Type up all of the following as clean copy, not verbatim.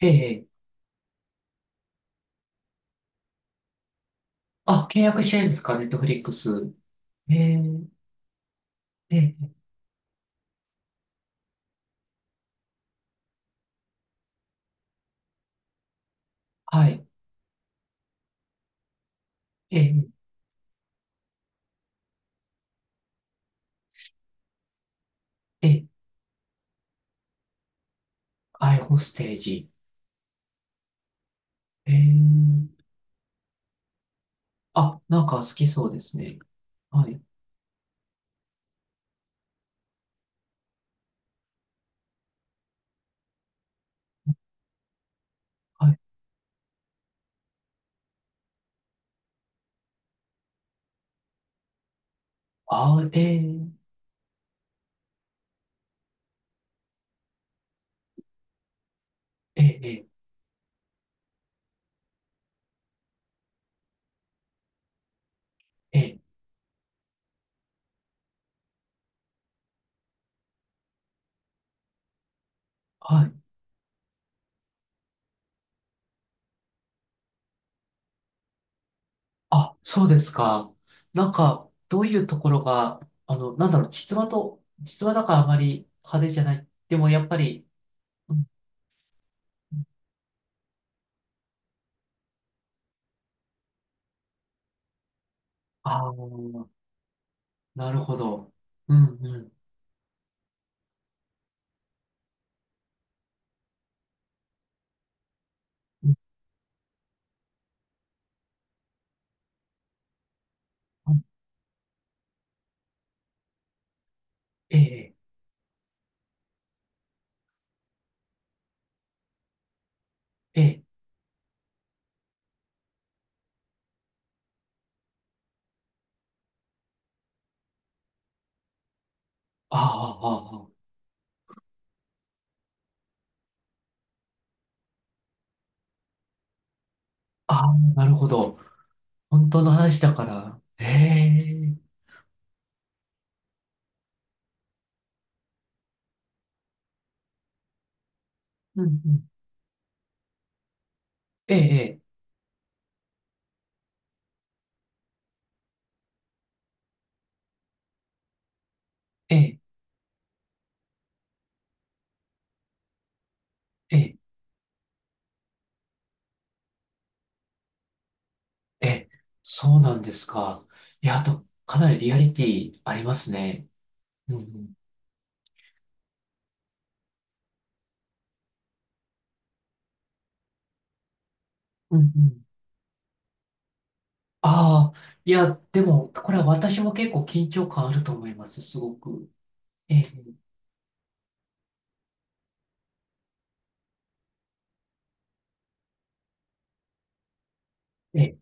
ええ。あ、契約してるんですか、ネットフリックス。ええ、ええ、はい。ええ、ええ、アイホステージ。ええ、あ、なんか好きそうですね。はい、はい。あ、ええ、ええ、ええ、はい。あ、そうですか。なんか、どういうところが、なんだろう、実話と、実話だからあまり派手じゃない。でも、やっぱり、うん、うん、ああ、なるほど。うん、うん。うん、ええ、ええ、ああ、ああ、ああ、ああ、なるほど。本当の話だから。ええ、うん、うん。ええ、ええ、ええ、ええ、そうなんですか。いや、あと、かなりリアリティありますね。うん、うん。うん、うん。ああ、いや、でも、これは私も結構緊張感あると思います、すごく。ええ、ええ、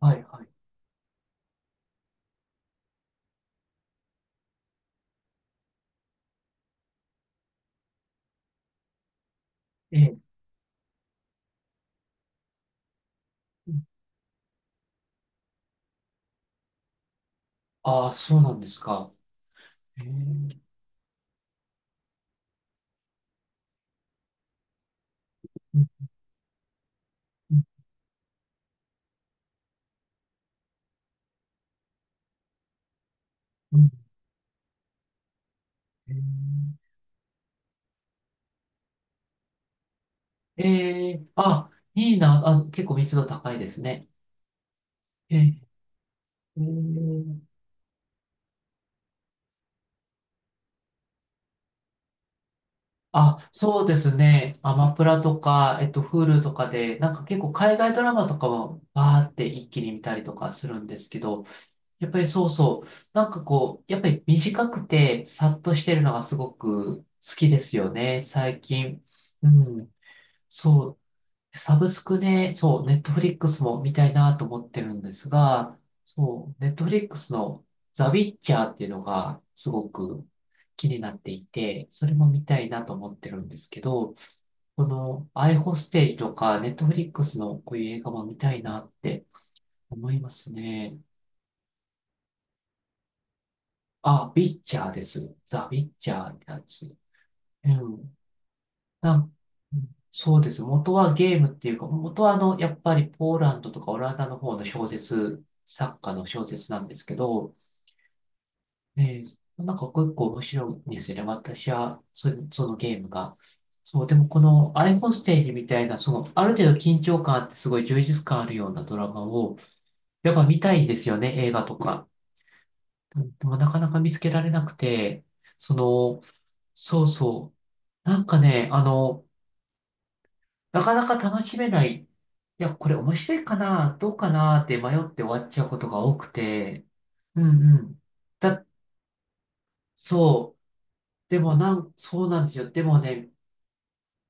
はい、はい。ええ、ああ、そうなんですか。ええ、うん、うん、うん。ええ、ええ、あ、いいな。あ、結構密度高いですね。ええ、えー、あ、そうですね。アマプラとか、Hulu とかで、なんか結構海外ドラマとかもバーって一気に見たりとかするんですけど、やっぱりそうそう、なんかこう、やっぱり短くてさっとしてるのがすごく好きですよね、最近。うん、そう。サブスクで、そう、ネットフリックスも見たいなと思ってるんですが、そう、ネットフリックスのザ・ウィッチャーっていうのがすごく気になっていて、それも見たいなと思ってるんですけど、このアイホステージとかネットフリックスのこういう映画も見たいなって思いますね。あ、ウィッチャーです。ザ・ウィッチャーってやつ。うん。あ、うん、そうです。元はゲームっていうか、元はやっぱりポーランドとかオランダの方の小説、作家の小説なんですけど、えー、なんか結構面白いんですよね。私は、それ、そのゲームが。そう、でもこのアイフォステージみたいな、その、ある程度緊張感あってすごい充実感あるようなドラマを、やっぱ見たいんですよね、映画とか。うん、でもなかなか見つけられなくて、その、そうそう。なんかね、なかなか楽しめない。いや、これ面白いかな、どうかなって迷って終わっちゃうことが多くて。うん、うん。だ、そう。でもなん、そうなんですよ。でもね、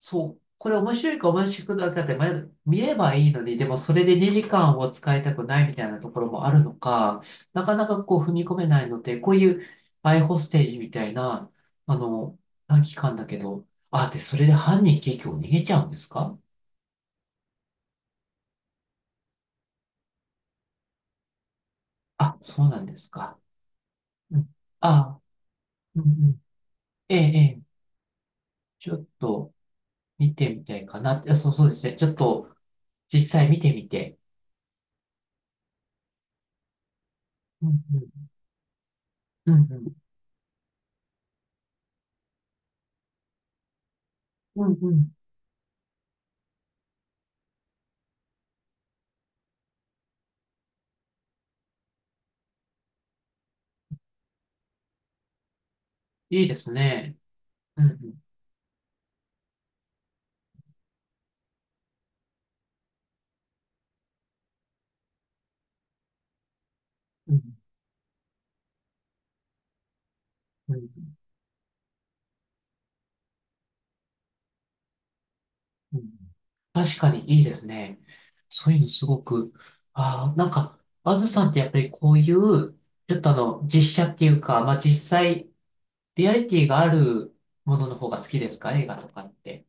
そう。これ面白いか面白くないかって迷う見ればいいのに、でもそれで2時間を使いたくないみたいなところもあるのか、なかなかこう踏み込めないので、こういうアイホステージみたいな、あの、短期間だけど、あ、で、それで犯人結局逃げちゃうんですか？あ、そうなんですか。うん。あ、うん、うん。ええ、ええ。ちょっと見てみたいかなって。あ、そう、そうですね。ちょっと実際見てみて。うん、うん。うん、うん。うん、うん。いいですね。うん、うん。うん、うん。うん、うん、確かにいいですね。そういうのすごく。ああ、なんか、あずさんってやっぱりこういう、ちょっと実写っていうか、まあ実際、リアリティがあるものの方が好きですか、映画とかって。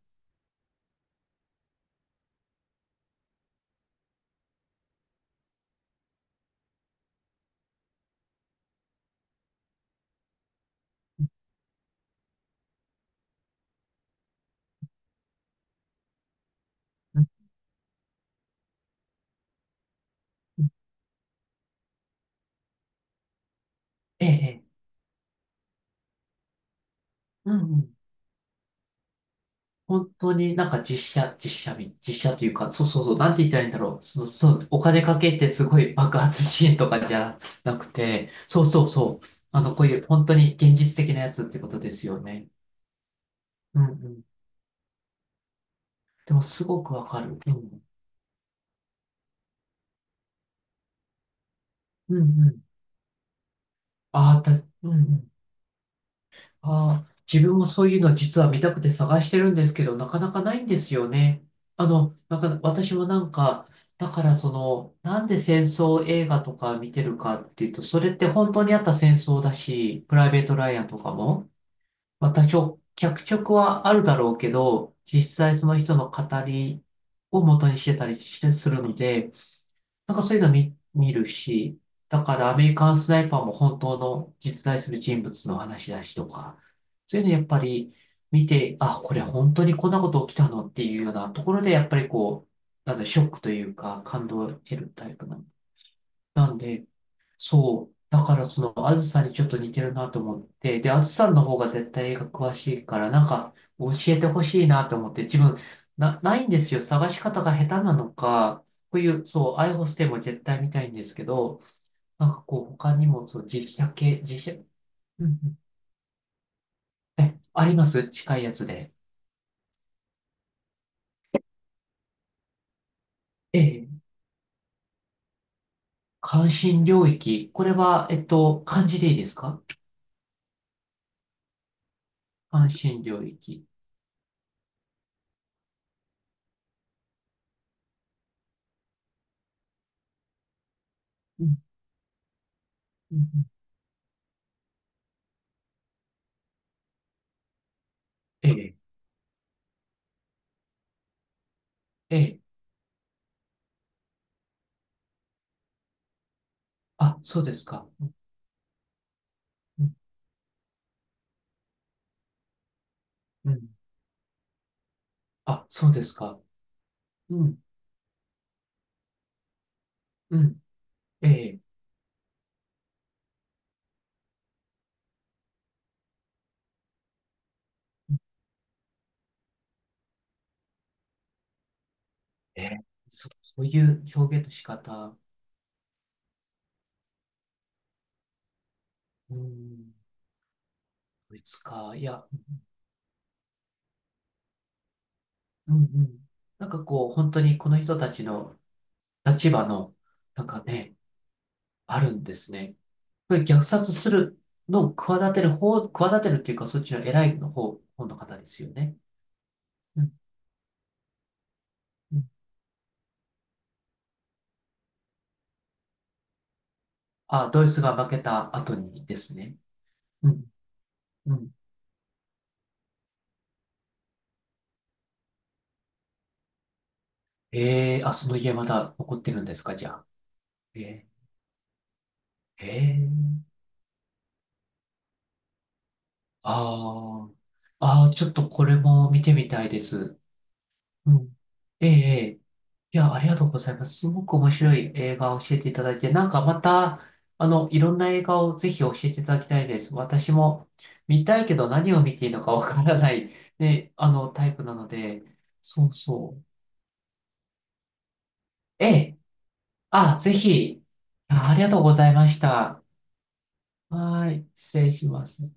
うん、うん、ええ、ええ。うん、うん、本当になんか実写、実写み、実写というか、そうそうそう、なんて言ったらいいんだろう。そう、そう、お金かけてすごい爆発シーンとかじゃなくて、そうそうそう。こういう本当に現実的なやつってことですよね。うん、うん。でもすごくわかる。うん。うん、うん。ああ、た、うん、うん。ああ、自分もそういうの実は見たくて探してるんですけど、なかなかないんですよね。なんか私もなんか、だからその、なんで戦争映画とか見てるかっていうと、それって本当にあった戦争だし、プライベート・ライアンとかも、まは脚色はあるだろうけど、実際その人の語りを元にしてたりしてするので、なんかそういうの見、見るし、だからアメリカンスナイパーも本当の実在する人物の話だしとか、そういうのやっぱり見て、あ、これ本当にこんなこと起きたのっていうようなところで、やっぱりこう、なんだ、ショックというか感動を得るタイプなの。なんで、そう。だからその、あずさにちょっと似てるなと思って、で、あずさんの方が絶対映画詳しいから、なんか教えてほしいなと思って、自分、な、ないんですよ。探し方が下手なのか、こういう、そう、アイホステイも絶対見たいんですけど、なんかこう、他にも、そう、実写系、実写、うん、うん。え、あります近いやつで。ええ、関心領域。これは、漢字でいいですか？関心領域。うん、うん、うん、ええ、ええ、あ、そうですか。うん、うん、あ、そうですか。うん、うん、ええ、ええ、そ、そういう表現の仕方、うん、ドイツか、いや、うん、うん。なんかこう、本当にこの人たちの立場の、なんかね、あるんですね。これ虐殺するのを企てる方、企てるっていうか、そっちの偉いの方、方の方ですよね。うん、うん。あ、ドイツが負けた後にですね。うん、うん。ええ、あ、その家まだ残ってるんですか、じゃあ。ええ、ええ。ああ。ああ、ちょっとこれも見てみたいです。うん。ええ、ええ。いや、ありがとうございます。すごく面白い映画を教えていただいて、なんかまた、いろんな映画をぜひ教えていただきたいです。私も見たいけど何を見ていいのかわからない、ね、タイプなので、そうそう。ええ、あ、ぜひ。あ、ありがとうございました。はい、失礼します。